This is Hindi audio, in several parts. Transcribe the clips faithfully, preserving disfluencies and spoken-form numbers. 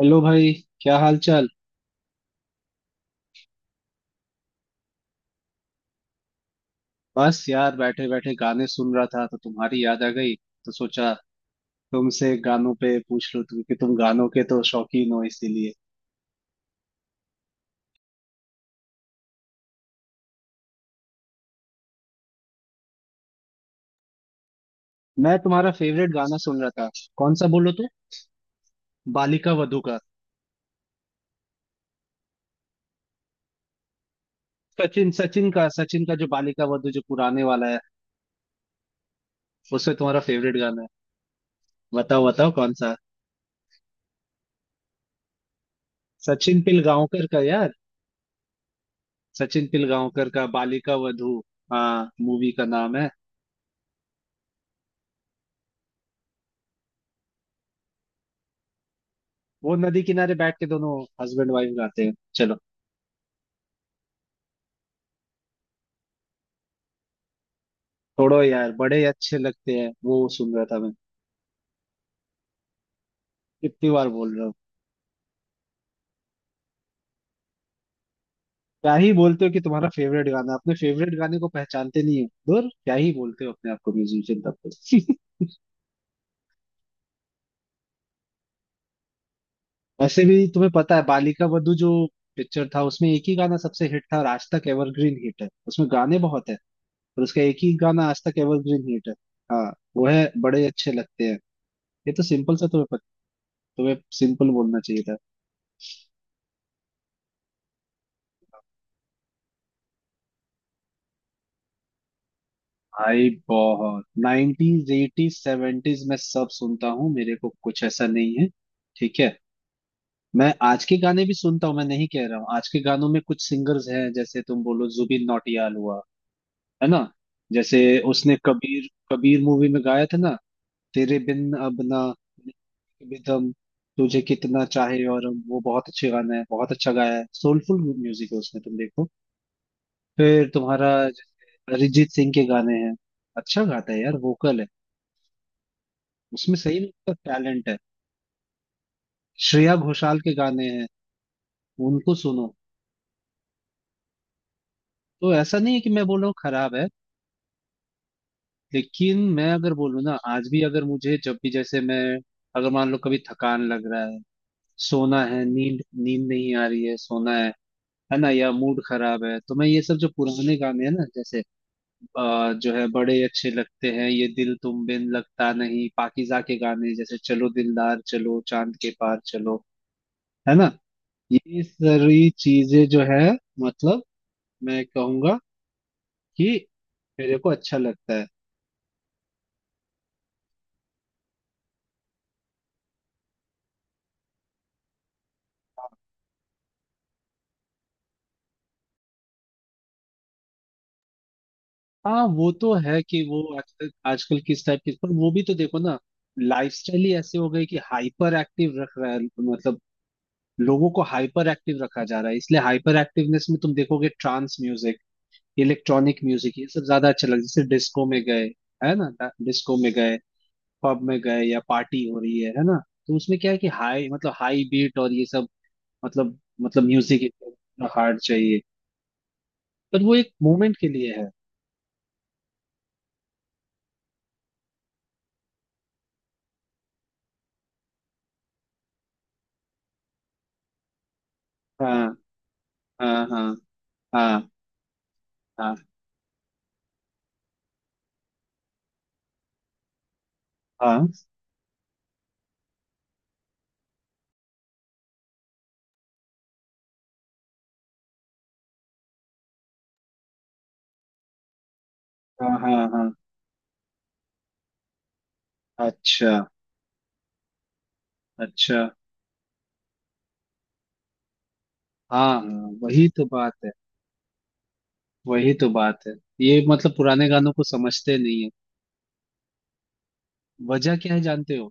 हेलो भाई। क्या हाल चाल। बस यार बैठे बैठे गाने सुन रहा था तो तुम्हारी याद आ गई। तो सोचा तुमसे गानों पे पूछ लूं तुम कि तुम गानों के तो शौकीन हो इसीलिए। मैं तुम्हारा फेवरेट गाना सुन रहा था। कौन सा बोलो तो। बालिका वधू का। सचिन सचिन का सचिन का जो बालिका वधू जो पुराने वाला है उसमें तुम्हारा फेवरेट गाना है। बताओ बताओ कौन सा। सचिन पिलगांवकर का यार। सचिन पिलगांवकर का बालिका वधू। हाँ मूवी का नाम है। वो नदी किनारे बैठ के दोनों हस्बैंड वाइफ गाते हैं चलो। छोड़ो यार बड़े अच्छे लगते हैं, वो सुन रहा था मैं। कितनी बार बोल रहा हूँ। क्या ही बोलते हो कि तुम्हारा फेवरेट गाना, अपने फेवरेट गाने को पहचानते नहीं हो दूर, क्या ही बोलते हो अपने आप को म्यूजिशियन तब तो वैसे भी तुम्हें पता है बालिका वधू जो पिक्चर था उसमें एक ही गाना सबसे हिट था और आज तक एवरग्रीन हिट है, उसमें गाने बहुत है पर उसका एक ही गाना आज तक एवरग्रीन हिट है। हाँ। वो है बड़े अच्छे लगते हैं। ये तो सिंपल सा तुम्हें पता, तुम्हें सिंपल बोलना चाहिए था। भाई बहुत नाइनटीज एटीज सेवेंटीज में सब सुनता हूँ, मेरे को कुछ ऐसा नहीं है। ठीक है। मैं आज के गाने भी सुनता हूँ, मैं नहीं कह रहा हूँ। आज के गानों में कुछ सिंगर्स हैं जैसे तुम बोलो जुबिन नौटियाल हुआ, है ना। जैसे उसने कबीर, कबीर मूवी में गाया था ना, तेरे बिन अब ना बिदम, तुझे कितना चाहे और हम", वो बहुत अच्छे गाना है, बहुत अच्छा गाया है, सोलफुल म्यूजिक है उसमें, तुम देखो। फिर तुम्हारा जैसे अरिजीत सिंह के गाने हैं, अच्छा गाता है यार, वोकल है उसमें, सही में उसका टैलेंट है। श्रेया घोषाल के गाने हैं, उनको सुनो। तो ऐसा नहीं है कि मैं बोल रहा हूँ खराब है। लेकिन मैं अगर बोलूँ ना, आज भी अगर मुझे जब भी जैसे मैं अगर मान लो कभी थकान लग रहा है, सोना है, नींद नींद नहीं आ रही है, सोना है है ना, या मूड खराब है, तो मैं ये सब जो पुराने गाने हैं ना जैसे अ, जो है बड़े अच्छे लगते हैं, ये दिल तुम बिन लगता नहीं, पाकीज़ा के गाने जैसे चलो दिलदार चलो चांद के पार चलो, है ना, ये सारी चीजें जो है, मतलब मैं कहूंगा कि मेरे को अच्छा लगता है। हाँ वो तो है कि वो आजकल आजकल किस टाइप की, पर वो भी तो देखो ना, लाइफस्टाइल ही ऐसे हो गई कि हाइपर एक्टिव रख रहा है, मतलब लोगों को हाइपर एक्टिव रखा जा रहा है, इसलिए हाइपर एक्टिवनेस में तुम देखोगे ट्रांस म्यूजिक, इलेक्ट्रॉनिक म्यूजिक, ये सब ज्यादा अच्छा लग, जैसे डिस्को में गए, है ना, डिस्को में गए, पब में गए, या पार्टी हो रही है है ना, तो उसमें क्या है कि हाई, मतलब हाई बीट और ये सब, मतलब मतलब म्यूजिक हार्ड चाहिए, पर वो एक मोमेंट के लिए है। हाँ हाँ हाँ हाँ हाँ हाँ हाँ हाँ हाँ, अच्छा। अच्छा। हाँ हाँ वही तो बात है। वही तो बात है। ये मतलब पुराने गानों को समझते नहीं है। वजह क्या है जानते हो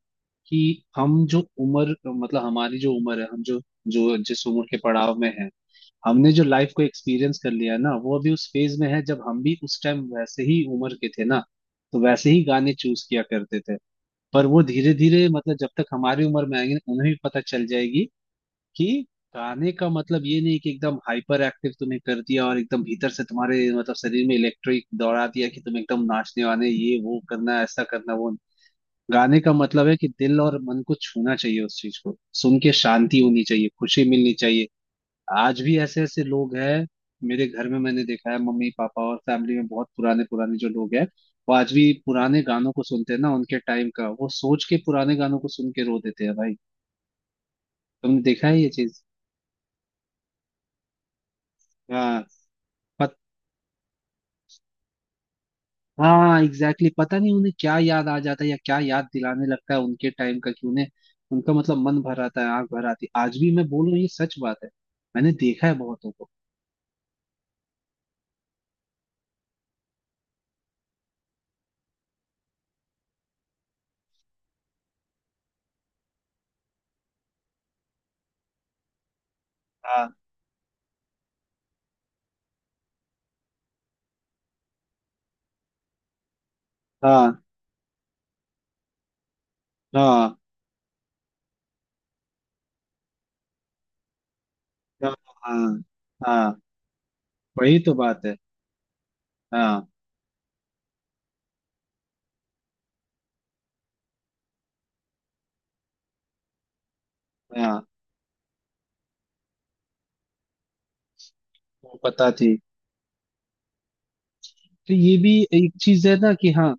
कि हम जो उम्र, मतलब हमारी जो उम्र है, हम जो जो जिस उम्र के पड़ाव में है, हमने जो लाइफ को एक्सपीरियंस कर लिया है ना, वो अभी उस फेज में है जब हम भी उस टाइम वैसे ही उम्र के थे ना, तो वैसे ही गाने चूज किया करते थे। पर वो धीरे धीरे, मतलब जब तक हमारी उम्र में आएंगे उन्हें भी पता चल जाएगी कि गाने का मतलब ये नहीं कि एकदम हाइपर एक्टिव तुम्हें कर दिया और एकदम भीतर से तुम्हारे मतलब शरीर में इलेक्ट्रिक दौड़ा दिया, कि तुम एकदम नाचने वाने ये वो करना ऐसा करना वो। गाने का मतलब है कि दिल और मन को छूना चाहिए उस चीज को, सुन के शांति होनी चाहिए, खुशी मिलनी चाहिए। आज भी ऐसे ऐसे लोग हैं, मेरे घर में मैंने देखा है, मम्मी पापा और फैमिली में बहुत पुराने पुराने जो लोग हैं, वो आज भी पुराने गानों को सुनते हैं ना, उनके टाइम का वो सोच के पुराने गानों को सुन के रो देते हैं भाई। तुमने देखा है ये चीज। हाँ पत, हाँ एग्जैक्टली exactly, पता नहीं उन्हें क्या याद आ जाता है या क्या याद दिलाने लगता है उनके टाइम का, कि उन्हें उनका मतलब मन भर आता है, आंख भर आती है। आज भी मैं बोल रहा हूँ, ये सच बात है। मैंने देखा है बहुतों को। हाँ हाँ हाँ हाँ हाँ हाँ, हाँ, वही तो बात है। हाँ। हाँ। वो पता थी। तो ये भी एक चीज है ना कि हाँ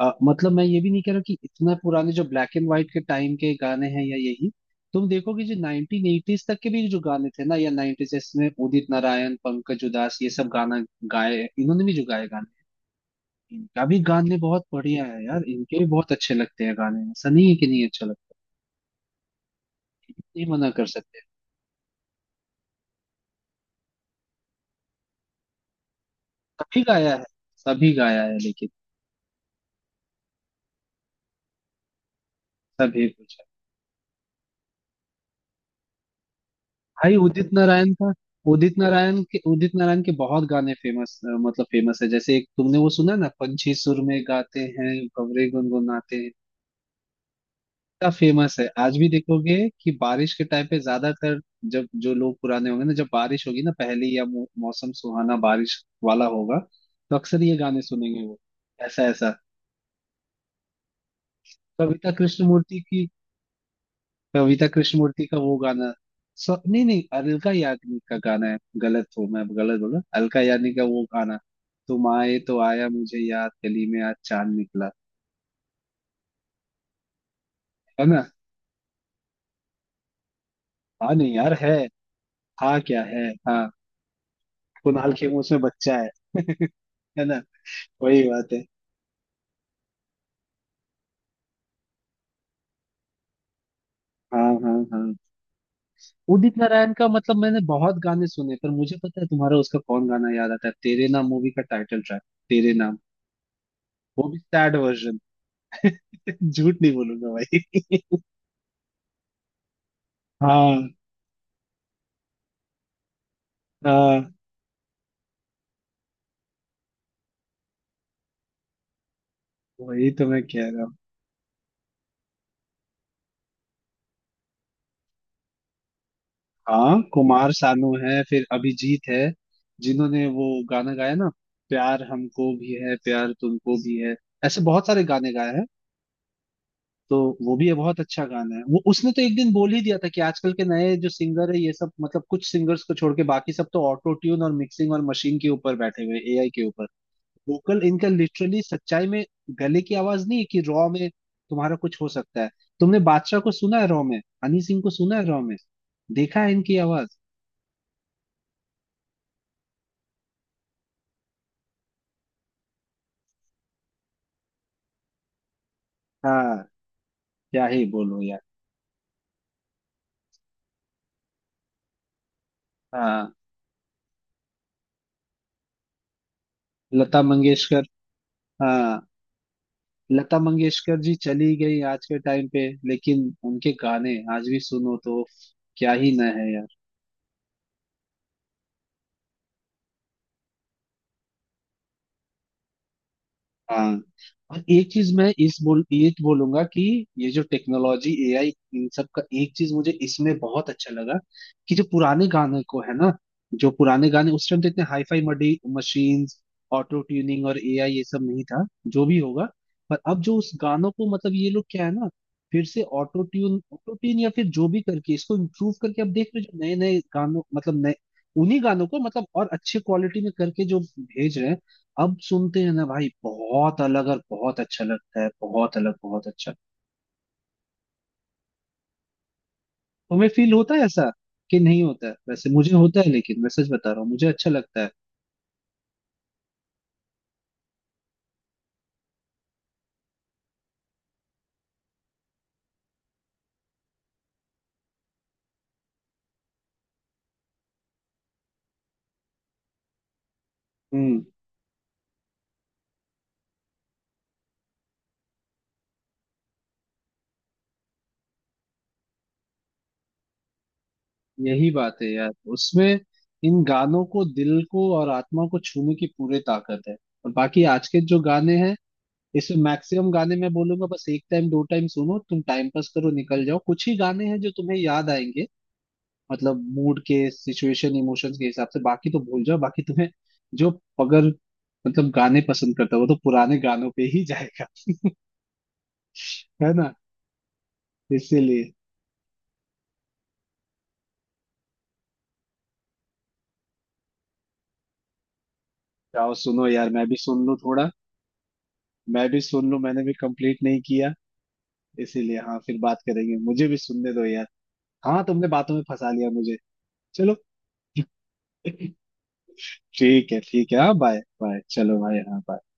अ, मतलब मैं ये भी नहीं कह रहा कि इतना पुराने जो ब्लैक एंड व्हाइट के टाइम के गाने हैं या यही, तुम देखोगे जो नाइनटीन एटीज तक के भी जो गाने थे ना या नाइनटीज, इसमें उदित नारायण पंकज उधास ये सब गाना गाए, इन्होंने भी जो गाए गाने, इनका भी गाने बहुत बढ़िया है यार, इनके भी बहुत अच्छे लगते हैं गाने, ऐसा नहीं है कि नहीं अच्छा लगता, नहीं मना कर सकते। सभी गाया है। सभी गाया है लेकिन, सभी कुछ। भाई उदित नारायण का, उदित नारायण के उदित नारायण के बहुत गाने फेमस, मतलब फेमस है, जैसे एक तुमने वो सुना ना पंछी सुर में गाते हैं भंवरे गुनगुनाते हैं, इतना फेमस है, आज भी देखोगे कि बारिश के टाइम पे ज्यादातर जब जो लोग पुराने होंगे ना, जब बारिश होगी ना पहली या मौ, मौसम सुहाना बारिश वाला होगा तो अक्सर ये गाने सुनेंगे वो, ऐसा ऐसा। कविता कृष्णमूर्ति की, कविता कृष्णमूर्ति का वो गाना, सो नहीं नहीं अलका याग्निक का गाना है, गलत हूँ मैं गलत बोला, अलका याग्निक का वो गाना, तुम आए तो आया मुझे याद, गली में आज चांद निकला, है ना। हाँ नहीं यार है। हाँ क्या है हाँ। कुणाल खेमू उसमें बच्चा है है ना, वही बात है। हाँ हाँ हाँ। उदित नारायण का मतलब मैंने बहुत गाने सुने, पर मुझे पता है तुम्हारा उसका कौन गाना याद आता है, तेरे नाम मूवी का टाइटल ट्रैक, तेरे नाम, वो भी सैड वर्जन झूठ नहीं बोलूंगा भाई। हाँ। हाँ वही तो मैं कह रहा हूँ। हाँ कुमार सानू है, फिर अभिजीत है, जिन्होंने वो गाना गाया ना, प्यार हमको भी है प्यार तुमको भी है, ऐसे बहुत सारे गाने गाए हैं। तो वो भी है बहुत अच्छा गाना है वो। उसने तो एक दिन बोल ही दिया था कि आजकल के नए जो सिंगर है ये सब, मतलब कुछ सिंगर्स को छोड़ के बाकी सब तो ऑटो ट्यून और मिक्सिंग और मशीन के ऊपर बैठे हुए एआई के ऊपर, वोकल इनका लिटरली, सच्चाई में गले की आवाज नहीं है, कि रॉ में तुम्हारा कुछ हो सकता है। तुमने बादशाह को सुना है रॉ में, हनी सिंह को सुना है रॉ में, देखा है इनकी आवाज। हाँ क्या ही बोलो यार। हाँ लता मंगेशकर। हाँ लता मंगेशकर जी चली गई आज के टाइम पे, लेकिन उनके गाने आज भी सुनो तो क्या ही न है यार। हाँ और एक चीज मैं इस बोल ये बोलूंगा कि ये जो टेक्नोलॉजी एआई इन सब का, एक चीज मुझे इसमें बहुत अच्छा लगा कि जो पुराने गाने को है ना, जो पुराने गाने उस टाइम तो इतने हाईफाई मडी मशीन्स, ऑटो ट्यूनिंग और एआई ये सब नहीं था, जो भी होगा, पर अब जो उस गानों को, मतलब ये लोग क्या है ना, फिर से ऑटो ट्यून ऑटो ट्यून या फिर जो भी करके इसको इम्प्रूव करके अब देख रहे हो, जो नए नए गानों मतलब नए, उन्हीं गानों को मतलब और अच्छे क्वालिटी में करके जो भेज रहे हैं, अब सुनते हैं ना भाई बहुत अलग और बहुत अच्छा लगता है, बहुत अलग बहुत अच्छा। तुम्हें फील होता है ऐसा कि नहीं होता है, वैसे मुझे होता है, लेकिन मैं सच बता रहा हूँ मुझे अच्छा लगता है। हम्म। यही बात है यार, उसमें इन गानों को दिल को और आत्मा को छूने की पूरी ताकत है। और बाकी आज के जो गाने हैं, इसमें मैक्सिमम गाने मैं बोलूंगा बस एक टाइम दो टाइम सुनो, तुम टाइम पास करो निकल जाओ, कुछ ही गाने हैं जो तुम्हें याद आएंगे, मतलब मूड के सिचुएशन इमोशंस के हिसाब से, बाकी तो भूल जाओ। बाकी तुम्हें जो, अगर मतलब गाने पसंद करता है वो तो पुराने गानों पे ही जाएगा, है ना, इसीलिए। जाओ सुनो यार, मैं भी सुन लूं थोड़ा, मैं भी सुन लूं, मैंने भी कंप्लीट नहीं किया, इसीलिए। हाँ फिर बात करेंगे, मुझे भी सुनने दो यार। हाँ तुमने बातों में फंसा लिया मुझे। चलो। ठीक है ठीक है हाँ बाय बाय चलो भाई हाँ bye।